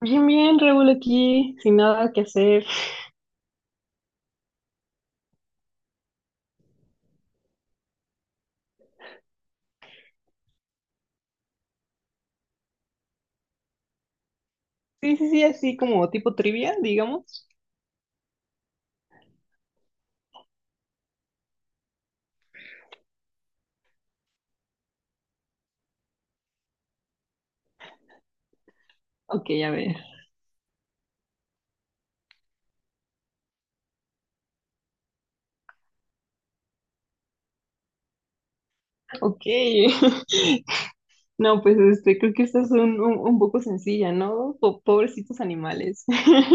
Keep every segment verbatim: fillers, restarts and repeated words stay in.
Bien, bien, Raúl aquí, sin nada que hacer. Sí, sí, sí, así como tipo trivia, digamos. Ok, a ver. Ok. No, pues este, creo que esta es un, un, un poco sencilla, ¿no? Po- pobrecitos animales.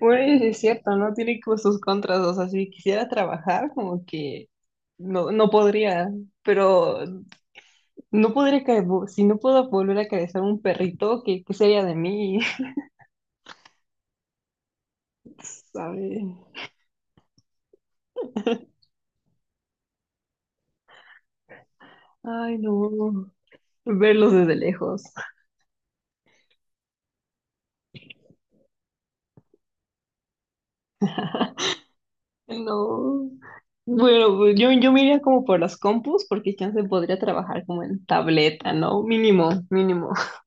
Bueno, es cierto, ¿no? Tiene como sus contras, o sea, si quisiera trabajar, como que no, no podría, pero no podría, ca- si no puedo volver a acariciar a un perrito, ¿qué, qué sería de mí? ¿Sabe? Ay, no. Verlos desde lejos. No. Bueno, pues yo, yo me iría como por las compus, porque chance podría trabajar como en tableta, ¿no? Mínimo, mínimo.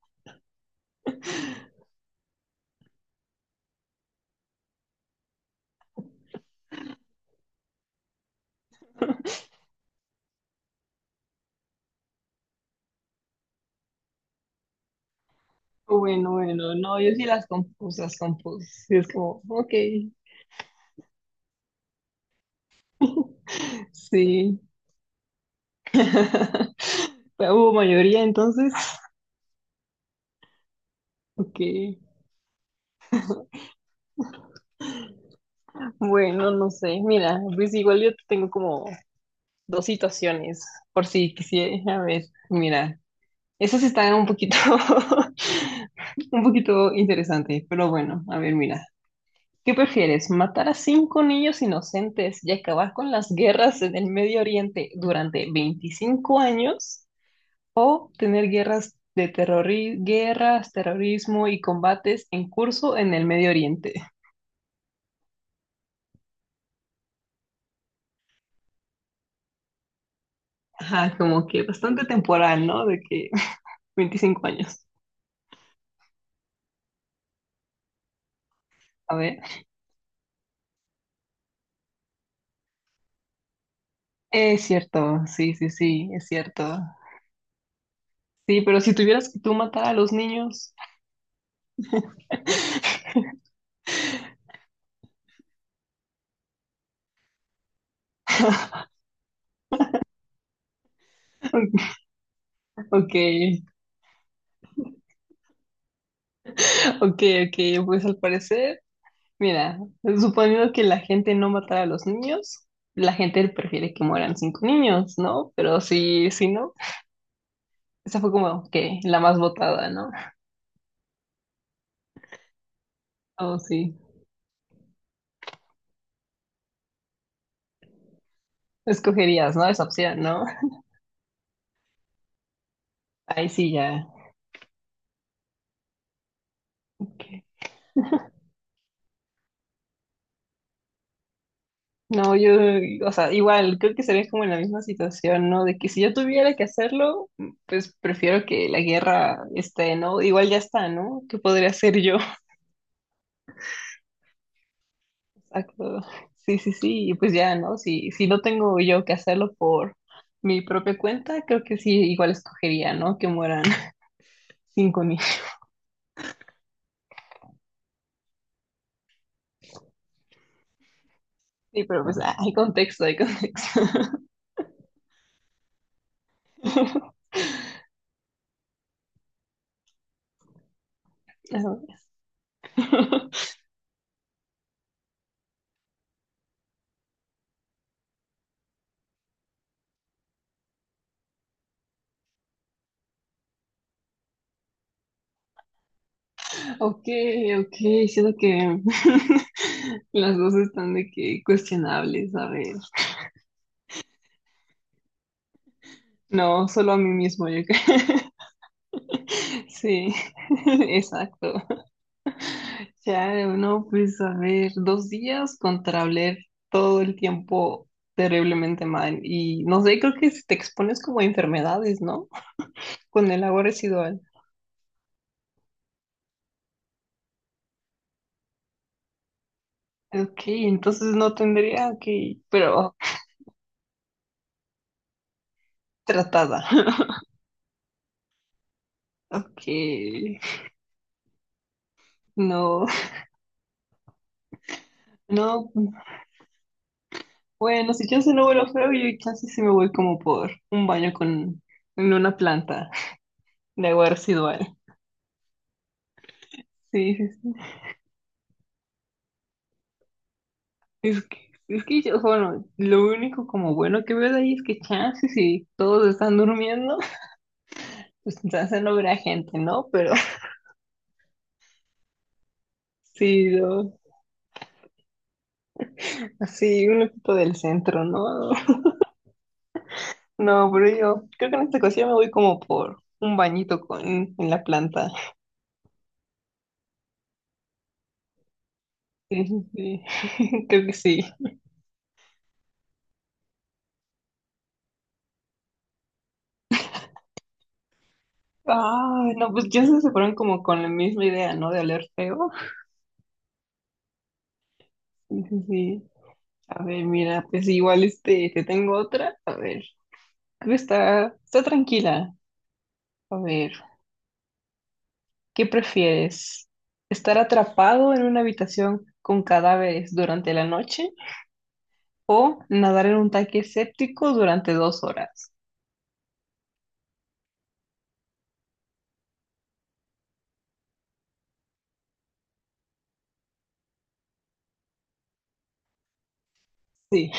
Bueno, bueno, no, yo sí las compus, las compus. Sí, es como, ok, sí. Hubo mayoría entonces. Ok. Bueno, no sé. Mira, pues igual yo tengo como dos situaciones, por si quisiera. A ver, mira, esas están un poquito, un poquito interesantes, pero bueno, a ver, mira. ¿Qué prefieres? ¿Matar a cinco niños inocentes y acabar con las guerras en el Medio Oriente durante veinticinco años? ¿O tener guerras de terrori- guerras, terrorismo y combates en curso en el Medio Oriente? Ajá, como que bastante temporal, ¿no? De que veinticinco años. A ver. Es cierto, sí, sí, sí, es cierto. Sí, pero si tuvieras que tú matar a los niños. Ok, ok, ok, pues al parecer. Mira, suponiendo que la gente no matara a los niños, la gente prefiere que mueran cinco niños, ¿no? Pero sí, sí, ¿no? Esa fue como que la más votada, ¿no? Oh, sí. Escogerías, ¿no? Esa opción, ¿no? Ahí sí ya. Ok. No, yo, o sea, igual, creo que sería como en la misma situación, ¿no? De que si yo tuviera que hacerlo, pues prefiero que la guerra esté, ¿no? Igual ya está, ¿no? ¿Qué podría hacer yo? Exacto. Sí, sí, sí. Y pues ya, ¿no? Si, si no tengo yo que hacerlo por mi propia cuenta, creo que sí, igual escogería, ¿no? Que mueran cinco niños. Sí, pero pues ah, hay contexto, hay contexto. Eso es. Ok, ok, siento que las dos están de que cuestionables, a ver. No, solo a mí mismo, yo creo. Sí, exacto. Ya no, pues a ver, dos días contra oler todo el tiempo terriblemente mal. Y no sé, creo que te expones como a enfermedades, ¿no? Con el agua residual. Ok, entonces no tendría que, pero tratada. Ok, no, no, bueno, si yo se no vuelo feo, yo casi sí sí me voy como por un baño con en una planta de agua residual. Sí, sí, Es que, es que yo, bueno, lo único como bueno que veo de ahí es que chance si todos están durmiendo, pues chance no verá gente, ¿no? Pero sí, lo- así un equipo del centro, ¿no? No, pero yo creo que en esta ocasión me voy como por un bañito con, en la planta. Sí, sí, sí. Creo que sí. Ah, no, pues ya se fueron como con la misma idea, ¿no? De oler feo. Sí, sí, sí. A ver, mira, pues igual este, te tengo otra. A ver, esta está, está tranquila. A ver, ¿qué prefieres? ¿Estar atrapado en una habitación con cadáveres durante la noche o nadar en un tanque séptico durante dos horas? Sí,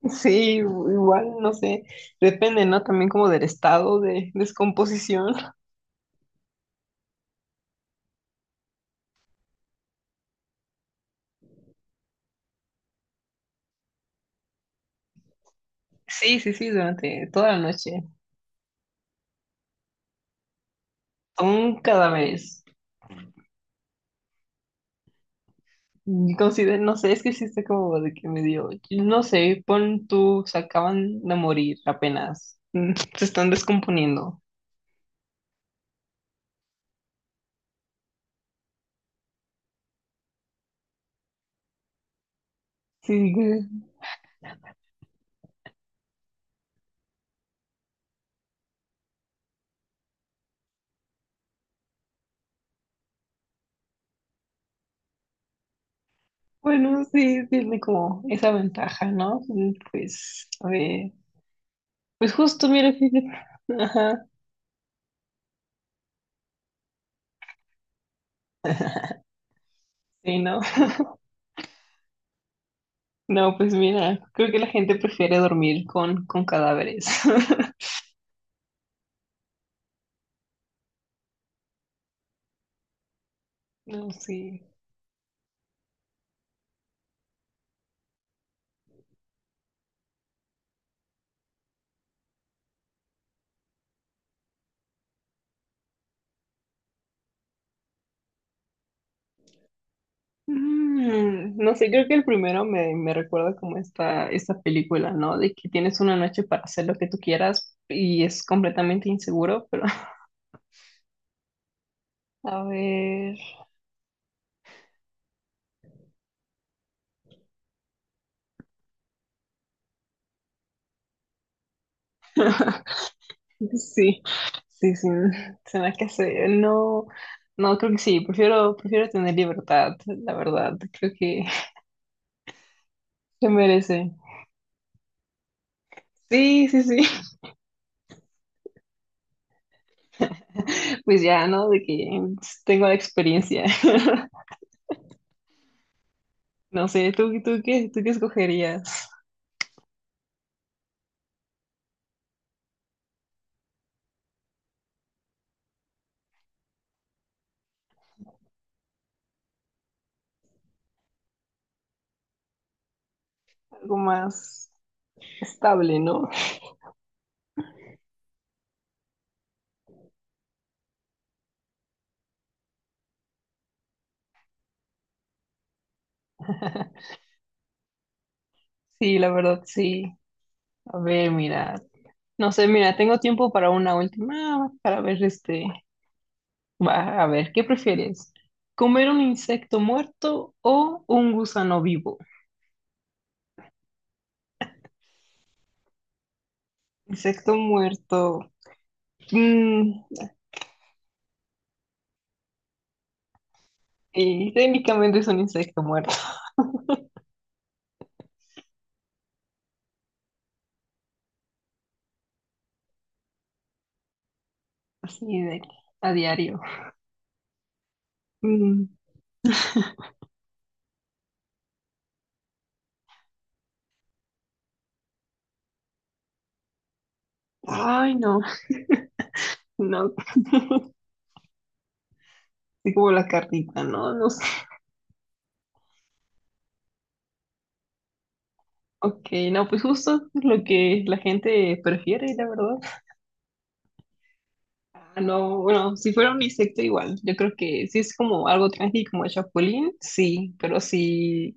sí, igual, no sé, depende, ¿no? También como del estado de descomposición. Sí, sí, sí, durante toda la noche. Son cadáveres. Y Consider, no sé, es que sí está como de que me dio, no sé, pon tú, se acaban de morir apenas, mm, se están descomponiendo. Sí, bueno, sí, tiene como esa ventaja, ¿no? Mm, Pues, a ver, pues justo, mira, fíjate. Ajá, sí, ¿no? No, pues mira, creo que la gente prefiere dormir con, con cadáveres. No, sí. Mm, no sé, creo que el primero me, me recuerda como esta, esta película, ¿no? De que tienes una noche para hacer lo que tú quieras y es completamente inseguro, pero a ver. Sí, sí, sí, se me hace, no, no, creo que sí, prefiero, prefiero tener libertad, la verdad, creo que se merece. Sí, sí, sí, pues ya, ¿no? De que tengo la experiencia. No sé, ¿tú, tú qué, tú qué escogerías? Algo más estable, ¿no? Sí, la verdad, sí. A ver, mira, no sé, mira, tengo tiempo para una última, para ver este, Va, a ver, ¿qué prefieres? ¿Comer un insecto muerto o un gusano vivo? Insecto muerto. Mm, sí, técnicamente es un insecto muerto. Así de a diario. Mm, ay, no, no. Así como la carnita, no, no sé. Ok, no, pues justo lo que la gente prefiere, la verdad. Ah, no, bueno, si fuera un insecto igual, yo creo que si es como algo tranqui como el chapulín, sí, pero si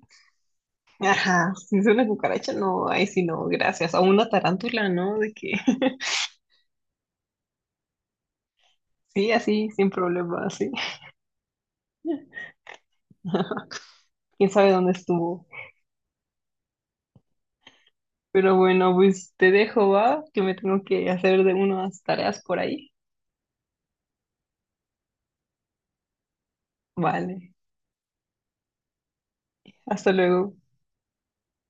Ajá, si es una cucaracha, no, ahí sí no, gracias. O una tarántula, ¿no? De que sí, así, sin problema, sí. Quién sabe dónde estuvo. Pero bueno, pues te dejo, va, que me tengo que hacer de unas tareas por ahí. Vale, hasta luego.